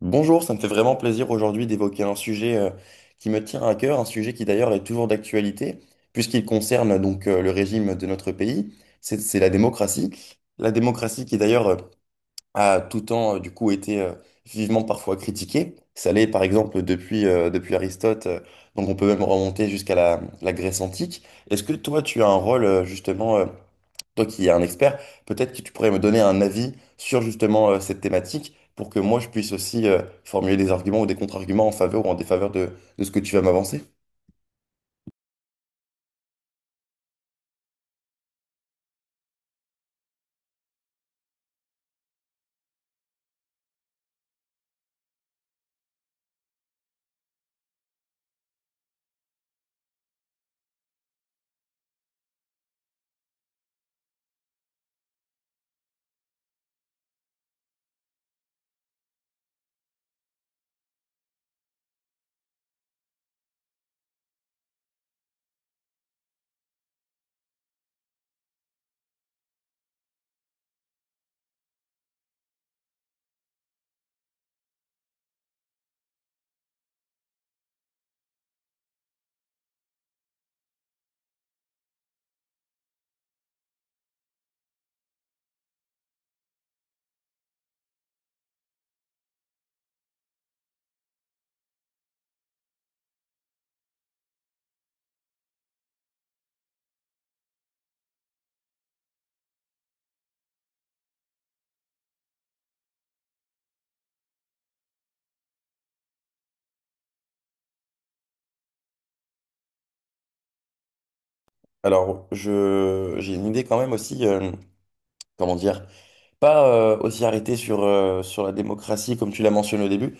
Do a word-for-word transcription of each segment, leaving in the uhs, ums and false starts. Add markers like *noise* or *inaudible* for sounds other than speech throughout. Bonjour, ça me fait vraiment plaisir aujourd'hui d'évoquer un sujet euh, qui me tient à cœur, un sujet qui d'ailleurs est toujours d'actualité, puisqu'il concerne donc euh, le régime de notre pays, c'est c'est la démocratie. La démocratie qui d'ailleurs euh, a tout temps euh, du coup été euh, vivement parfois critiquée. Ça l'est par exemple depuis, euh, depuis Aristote, euh, donc on peut même remonter jusqu'à la, la Grèce antique. Est-ce que toi tu as un rôle euh, justement euh, toi qui es un expert, peut-être que tu pourrais me donner un avis sur justement euh, cette thématique pour que moi je puisse aussi euh, formuler des arguments ou des contre-arguments en faveur ou en défaveur de, de ce que tu vas m'avancer. Alors, je, j'ai une idée quand même aussi, euh, comment dire, pas euh, aussi arrêtée sur, euh, sur la démocratie comme tu l'as mentionné au début.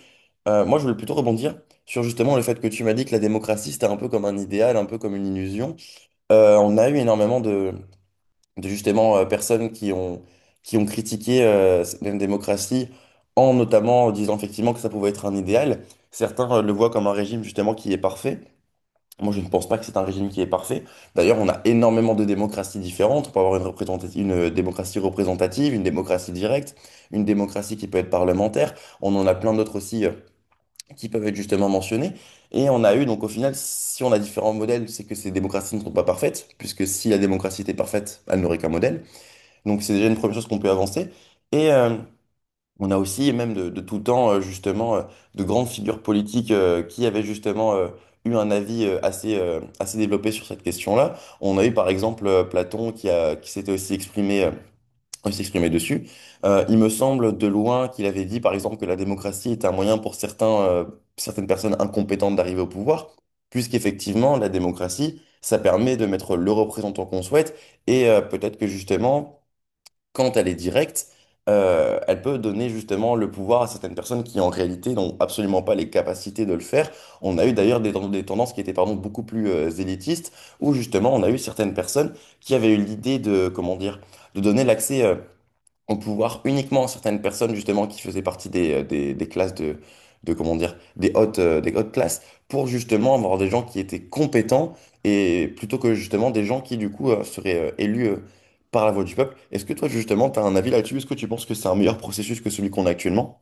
Euh, moi, je voulais plutôt rebondir sur justement le fait que tu m'as dit que la démocratie, c'était un peu comme un idéal, un peu comme une illusion. Euh, on a eu énormément de, de justement euh, personnes qui ont, qui ont critiqué euh, cette même démocratie en notamment euh, disant effectivement que ça pouvait être un idéal. Certains euh, le voient comme un régime justement qui est parfait. Moi, je ne pense pas que c'est un régime qui est parfait. D'ailleurs, on a énormément de démocraties différentes. On peut avoir une représentati- une euh, démocratie représentative, une démocratie directe, une démocratie qui peut être parlementaire. On en a plein d'autres aussi euh, qui peuvent être justement mentionnés. Et on a eu, donc au final, si on a différents modèles, c'est que ces démocraties ne sont pas parfaites, puisque si la démocratie était parfaite, elle n'aurait qu'un modèle. Donc c'est déjà une première chose qu'on peut avancer. Et euh, on a aussi, même de, de tout temps, euh, justement, euh, de grandes figures politiques euh, qui avaient justement euh, eu un avis euh, assez, euh, assez développé sur cette question-là. On a eu par exemple euh, Platon qui a, qui s'était aussi exprimé, euh, aussi exprimé dessus. Euh, il me semble de loin qu'il avait dit par exemple que la démocratie était un moyen pour certains, euh, certaines personnes incompétentes d'arriver au pouvoir, puisqu'effectivement, la démocratie, ça permet de mettre le représentant qu'on souhaite et euh, peut-être que justement quand elle est directe, euh, elle peut donner justement le pouvoir à certaines personnes qui en réalité n'ont absolument pas les capacités de le faire. On a eu d'ailleurs des, ten- des tendances qui étaient pardon, beaucoup plus euh, élitistes, où justement on a eu certaines personnes qui avaient eu l'idée de, comment dire, de donner l'accès. Euh, en pouvoir uniquement à certaines personnes justement qui faisaient partie des, euh, des, des classes de, de comment dire des hautes euh, des hautes classes pour justement avoir des gens qui étaient compétents et plutôt que justement des gens qui du coup euh, seraient euh, élus euh, par la voix du peuple. Est-ce que toi justement tu as un avis là-dessus? Est-ce que tu penses que c'est un meilleur processus que celui qu'on a actuellement?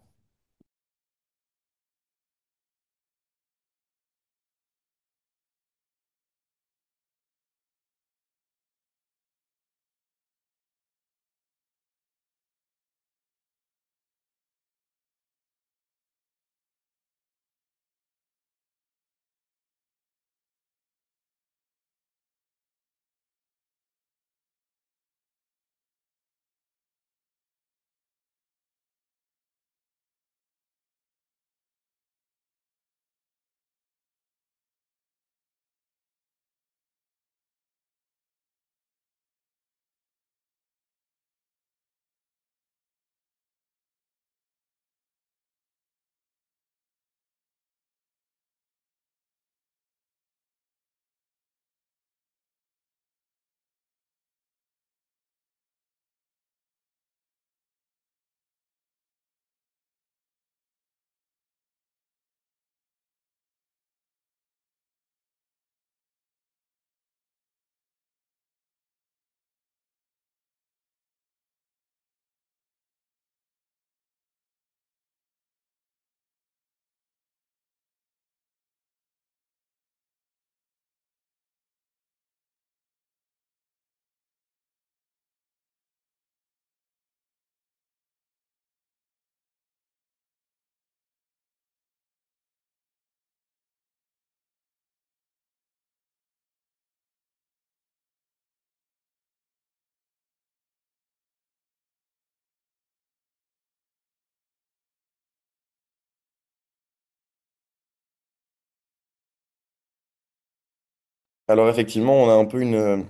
Alors effectivement, on a un peu une, euh,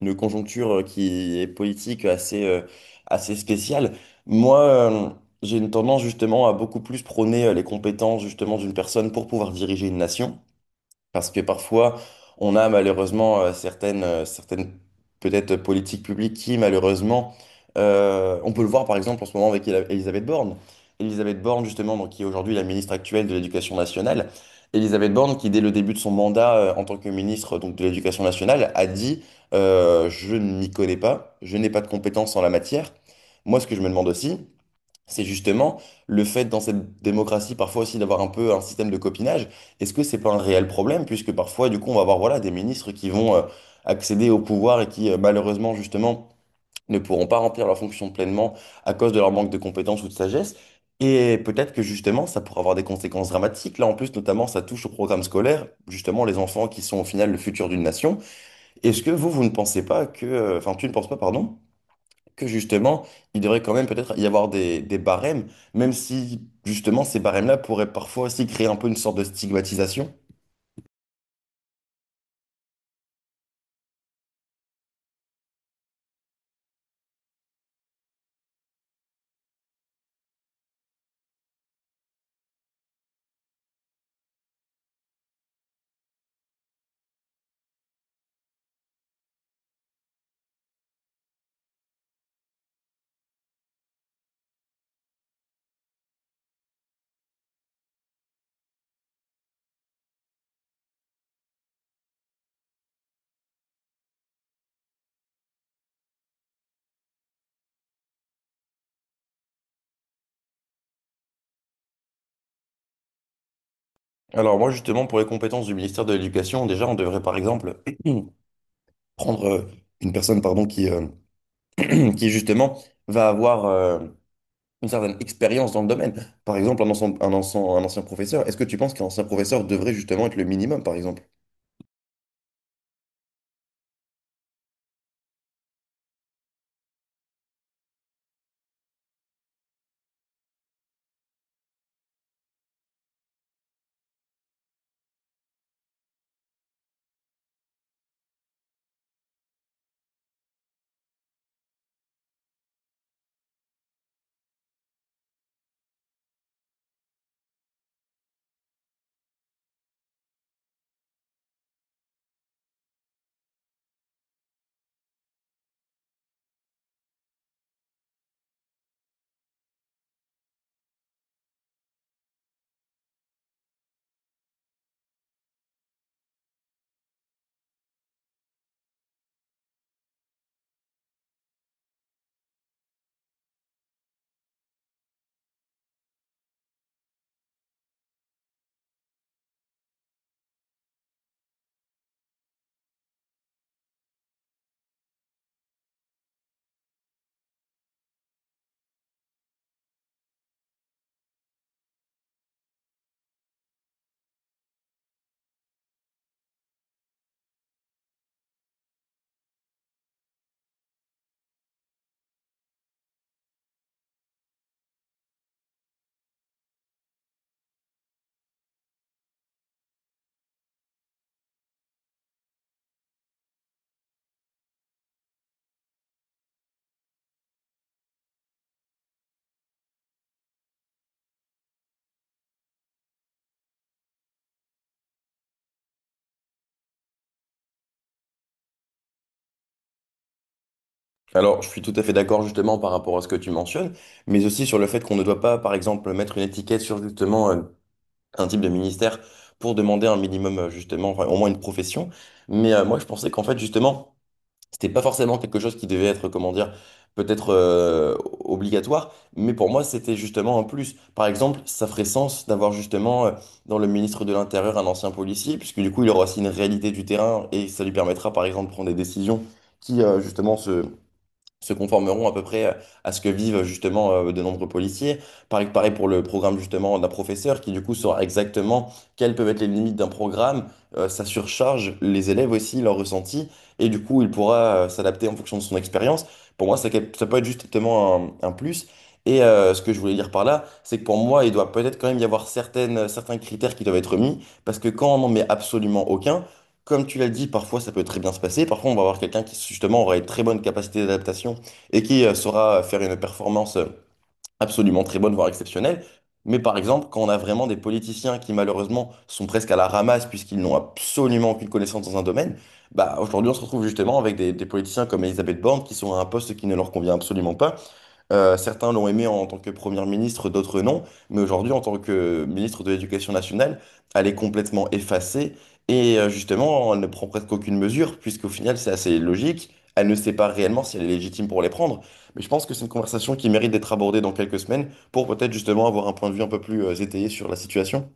une conjoncture euh, qui est politique euh, assez, euh, assez spéciale. Moi, euh, j'ai une tendance justement à beaucoup plus prôner euh, les compétences justement d'une personne pour pouvoir diriger une nation. Parce que parfois, on a malheureusement euh, certaines, euh, certaines peut-être politiques publiques qui, malheureusement, euh, on peut le voir par exemple en ce moment avec Ela- Elisabeth Borne. Elisabeth Borne, justement, donc, qui est aujourd'hui la ministre actuelle de l'Éducation nationale. Elisabeth Borne, qui dès le début de son mandat euh, en tant que ministre donc, de l'Éducation nationale, a dit euh, Je ne m'y connais pas, je n'ai pas de compétences en la matière. » Moi, ce que je me demande aussi, c'est justement le fait dans cette démocratie parfois aussi d'avoir un peu un système de copinage. Est-ce que c'est pas un réel problème puisque parfois du coup on va avoir voilà des ministres qui vont euh, accéder au pouvoir et qui euh, malheureusement justement ne pourront pas remplir leurs fonctions pleinement à cause de leur manque de compétences ou de sagesse. Et peut-être que justement ça pourrait avoir des conséquences dramatiques. Là en plus notamment ça touche au programme scolaire, justement les enfants qui sont au final le futur d'une nation. Est-ce que vous vous ne pensez pas que euh, enfin Tu ne penses pas pardon que justement, il devrait quand même peut-être y avoir des, des barèmes, même si justement ces barèmes-là pourraient parfois aussi créer un peu une sorte de stigmatisation. Alors moi justement, pour les compétences du ministère de l'Éducation, déjà on devrait par exemple *clears throat* prendre euh, une personne pardon, qui, euh, *clears throat* qui justement va avoir euh, une certaine expérience dans le domaine. Par exemple, un ancien, un ancien, un ancien professeur, est-ce que tu penses qu'un ancien professeur devrait justement être le minimum, par exemple? Alors, je suis tout à fait d'accord justement par rapport à ce que tu mentionnes, mais aussi sur le fait qu'on ne doit pas, par exemple, mettre une étiquette sur justement euh, un type de ministère pour demander un minimum euh, justement, enfin, au moins une profession. Mais euh, moi, je pensais qu'en fait, justement, c'était pas forcément quelque chose qui devait être, comment dire, peut-être euh, obligatoire, mais pour moi, c'était justement un plus. Par exemple, ça ferait sens d'avoir justement euh, dans le ministre de l'Intérieur un ancien policier, puisque du coup, il aura aussi une réalité du terrain et ça lui permettra, par exemple, de prendre des décisions qui, euh, justement, se, se conformeront à peu près euh, à ce que vivent justement euh, de nombreux policiers. Pareil, pareil pour le programme justement d'un professeur qui du coup saura exactement quelles peuvent être les limites d'un programme, euh, ça surcharge les élèves aussi, leurs ressentis, et du coup il pourra euh, s'adapter en fonction de son expérience. Pour moi, ça, ça peut être justement un, un plus. Et euh, ce que je voulais dire par là, c'est que pour moi, il doit peut-être quand même y avoir certaines, certains critères qui doivent être mis, parce que quand on n'en met absolument aucun, comme tu l'as dit, parfois ça peut très bien se passer. Parfois, on va avoir quelqu'un qui justement aura une très bonne capacité d'adaptation et qui euh, saura faire une performance euh, absolument très bonne, voire exceptionnelle. Mais par exemple, quand on a vraiment des politiciens qui malheureusement sont presque à la ramasse puisqu'ils n'ont absolument aucune connaissance dans un domaine, bah aujourd'hui on se retrouve justement avec des, des politiciens comme Elisabeth Borne qui sont à un poste qui ne leur convient absolument pas. Euh, certains l'ont aimé en tant que Premier ministre, d'autres non. Mais aujourd'hui, en tant que ministre de l'Éducation nationale, elle est complètement effacée. Et euh, justement, elle ne prend presque aucune mesure, puisqu'au final, c'est assez logique. Elle ne sait pas réellement si elle est légitime pour les prendre. Mais je pense que c'est une conversation qui mérite d'être abordée dans quelques semaines pour peut-être justement avoir un point de vue un peu plus euh, étayé sur la situation.